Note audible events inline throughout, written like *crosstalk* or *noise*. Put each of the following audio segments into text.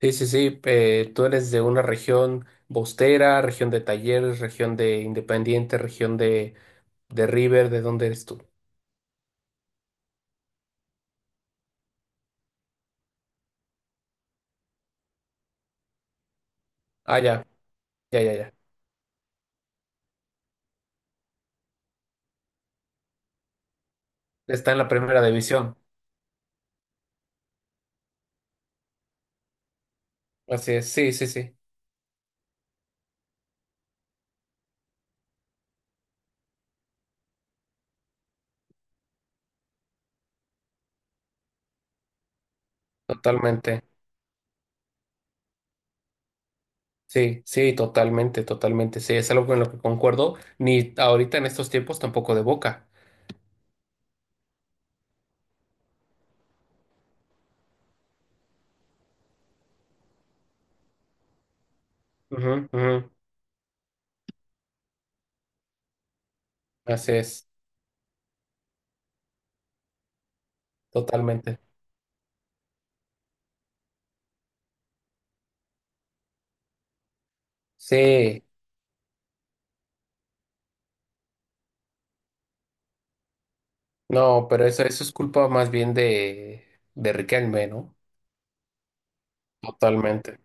Sí, sí, sí. Tú eres de una región bostera, región de Talleres, región de Independiente, región de River. ¿De dónde eres tú? Ah, ya, ya, ya, ya. Está en la primera división. Así es. Sí, sí, sí. Totalmente. Sí, sí, totalmente, totalmente. Sí, es algo con lo que concuerdo. Ni ahorita en estos tiempos tampoco de Boca. Ujú, ujú. Así es. Totalmente. Sí. No, pero eso es culpa más bien de Riquelme, ¿no? Totalmente.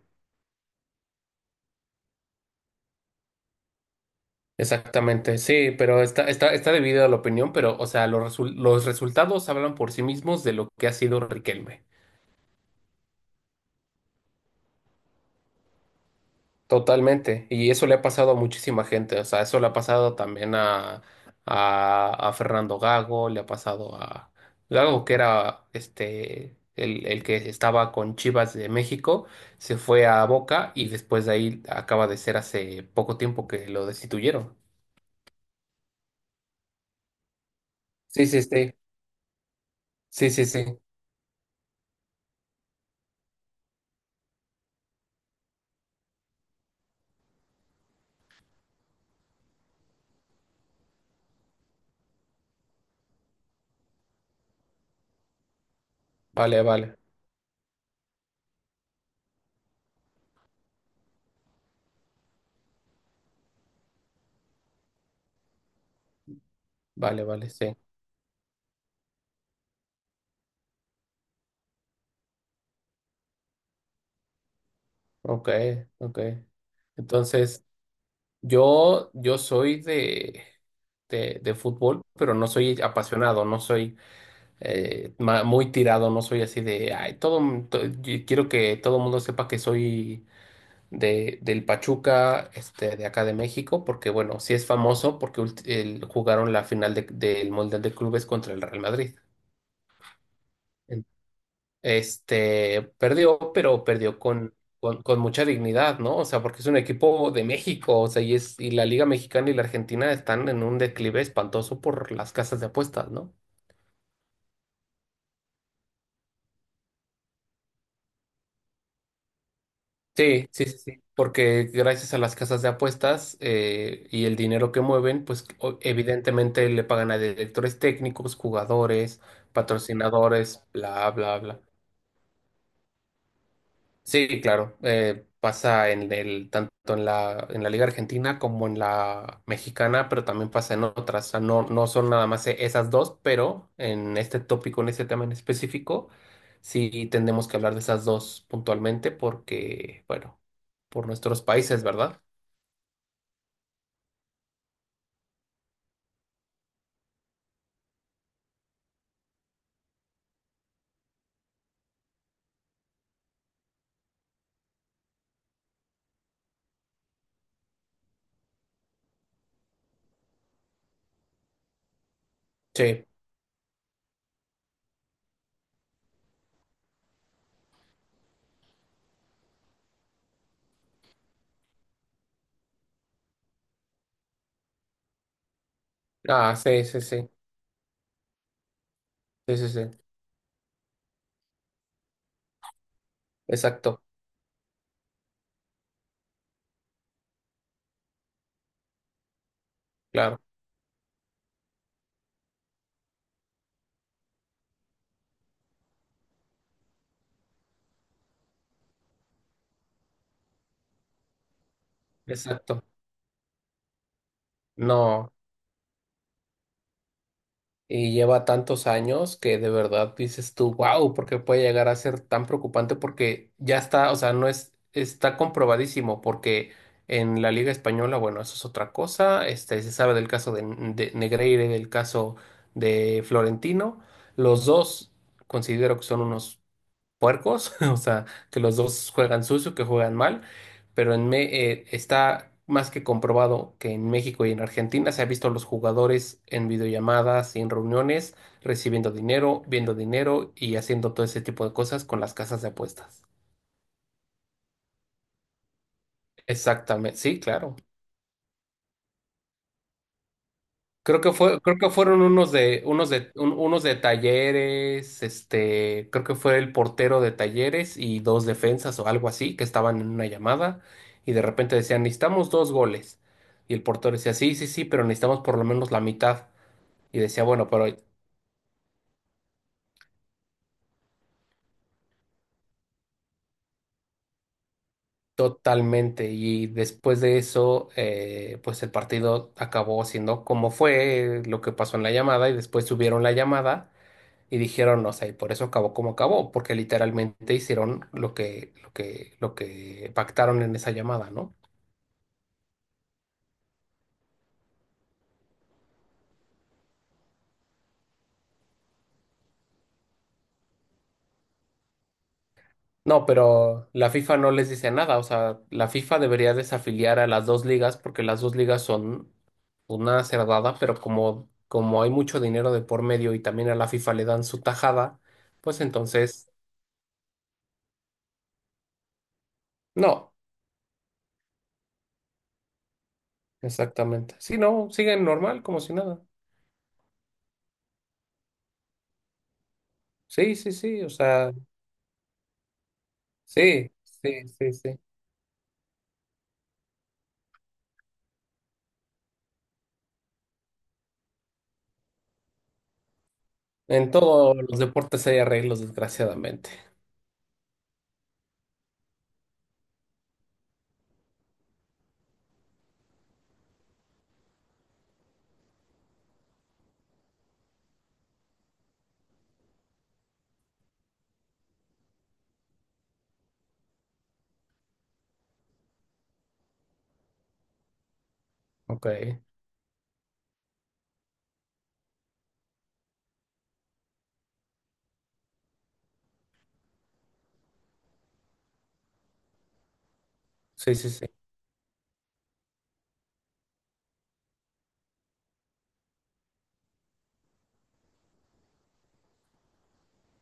Exactamente, sí, pero está dividida la opinión, pero, o sea, los resultados hablan por sí mismos de lo que ha sido Riquelme. Totalmente. Y eso le ha pasado a muchísima gente. O sea, eso le ha pasado también a Fernando Gago, le ha pasado a Gago, que era este el que estaba con Chivas de México, se fue a Boca y después de ahí acaba de ser hace poco tiempo que lo destituyeron. Sí, sí, sí. Sí, sí, sí. Vale, vale. Vale, vale, sí. Ok, ok. Entonces, yo soy de fútbol, pero no soy apasionado, no soy muy tirado, no soy así de, ay, todo, yo quiero que todo el mundo sepa que soy de, del Pachuca, de acá de México, porque bueno, sí es famoso porque jugaron la final del Mundial de Clubes contra el Real Madrid. Este perdió, pero perdió con mucha dignidad, ¿no? O sea, porque es un equipo de México, o sea, y es, y la Liga Mexicana y la Argentina están en un declive espantoso por las casas de apuestas, ¿no? Sí, sí, sí, sí, porque gracias a las casas de apuestas y el dinero que mueven, pues evidentemente le pagan a directores técnicos, jugadores, patrocinadores, bla, bla, bla. Sí, claro. Pasa en el, tanto en la Liga Argentina como en la mexicana, pero también pasa en otras. O sea, no, no son nada más esas dos, pero en este tópico, en este tema en específico, sí tendremos que hablar de esas dos puntualmente porque, bueno, por nuestros países, ¿verdad? Sí. Ah, sí, sí, sí. Sí, sí, sí. Exacto, claro. Exacto. No. Y lleva tantos años que de verdad dices tú, wow, ¿por qué puede llegar a ser tan preocupante? Porque ya está, o sea, no es, está comprobadísimo, porque en la Liga Española, bueno, eso es otra cosa, se sabe del caso de Negreira y del caso de Florentino, los dos considero que son unos puercos, *laughs* o sea, que los dos juegan sucio, que juegan mal, pero está más que comprobado que en México y en Argentina se ha visto a los jugadores en videollamadas y en reuniones recibiendo dinero, viendo dinero y haciendo todo ese tipo de cosas con las casas de apuestas. Exactamente, sí, claro. Creo que fueron unos de Talleres, creo que fue el portero de Talleres y dos defensas o algo así que estaban en una llamada y de repente decían, necesitamos dos goles. Y el portero decía, sí, sí, sí, pero necesitamos por lo menos la mitad. Y decía, bueno, pero totalmente. Y después de eso, pues el partido acabó siendo como fue lo que pasó en la llamada y después subieron la llamada. Y dijeron, o sea, y por eso acabó como acabó, porque literalmente hicieron lo que pactaron en esa llamada, ¿no? No, pero la FIFA no les dice nada, o sea, la FIFA debería desafiliar a las dos ligas porque las dos ligas son una cerdada, pero como hay mucho dinero de por medio y también a la FIFA le dan su tajada, pues entonces, no, exactamente. Sí, no, siguen normal, como si nada. Sí, sí, sí, o sea, sí, sí, sí, sí. En todos los deportes hay arreglos, desgraciadamente. Ok. Sí, sí, sí.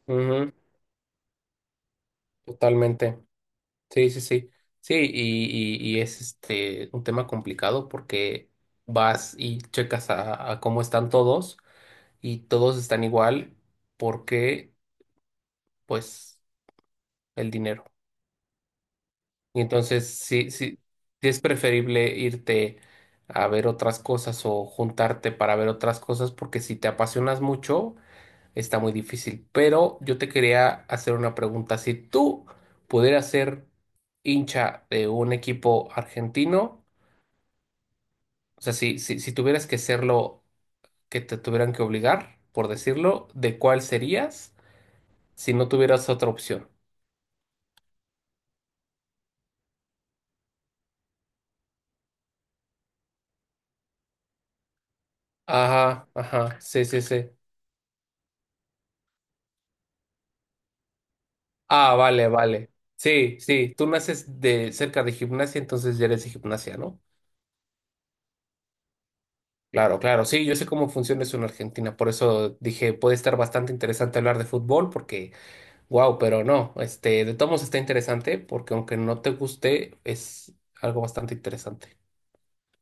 Ujú. Totalmente. Sí, sí, sí. Sí, y es este un tema complicado porque vas y checas a cómo están todos y todos están igual porque, pues, el dinero. Y entonces, sí, sí, sí es preferible irte a ver otras cosas o juntarte para ver otras cosas porque si te apasionas mucho. Está muy difícil, pero yo te quería hacer una pregunta. Si tú pudieras ser hincha de un equipo argentino, o sea, si tuvieras que serlo, que te tuvieran que obligar, por decirlo, ¿de cuál serías si no tuvieras otra opción? Ajá, ajá, sí, sí, sí. Ah, vale, vale. Sí, sí, tú naces de cerca de gimnasia, entonces ya eres de gimnasia, ¿no? Claro, claro, sí, yo sé cómo funciona eso en Argentina, por eso dije, puede estar bastante interesante hablar de fútbol, porque... Wow, pero no, de todos modos está interesante porque aunque no te guste, es algo bastante interesante.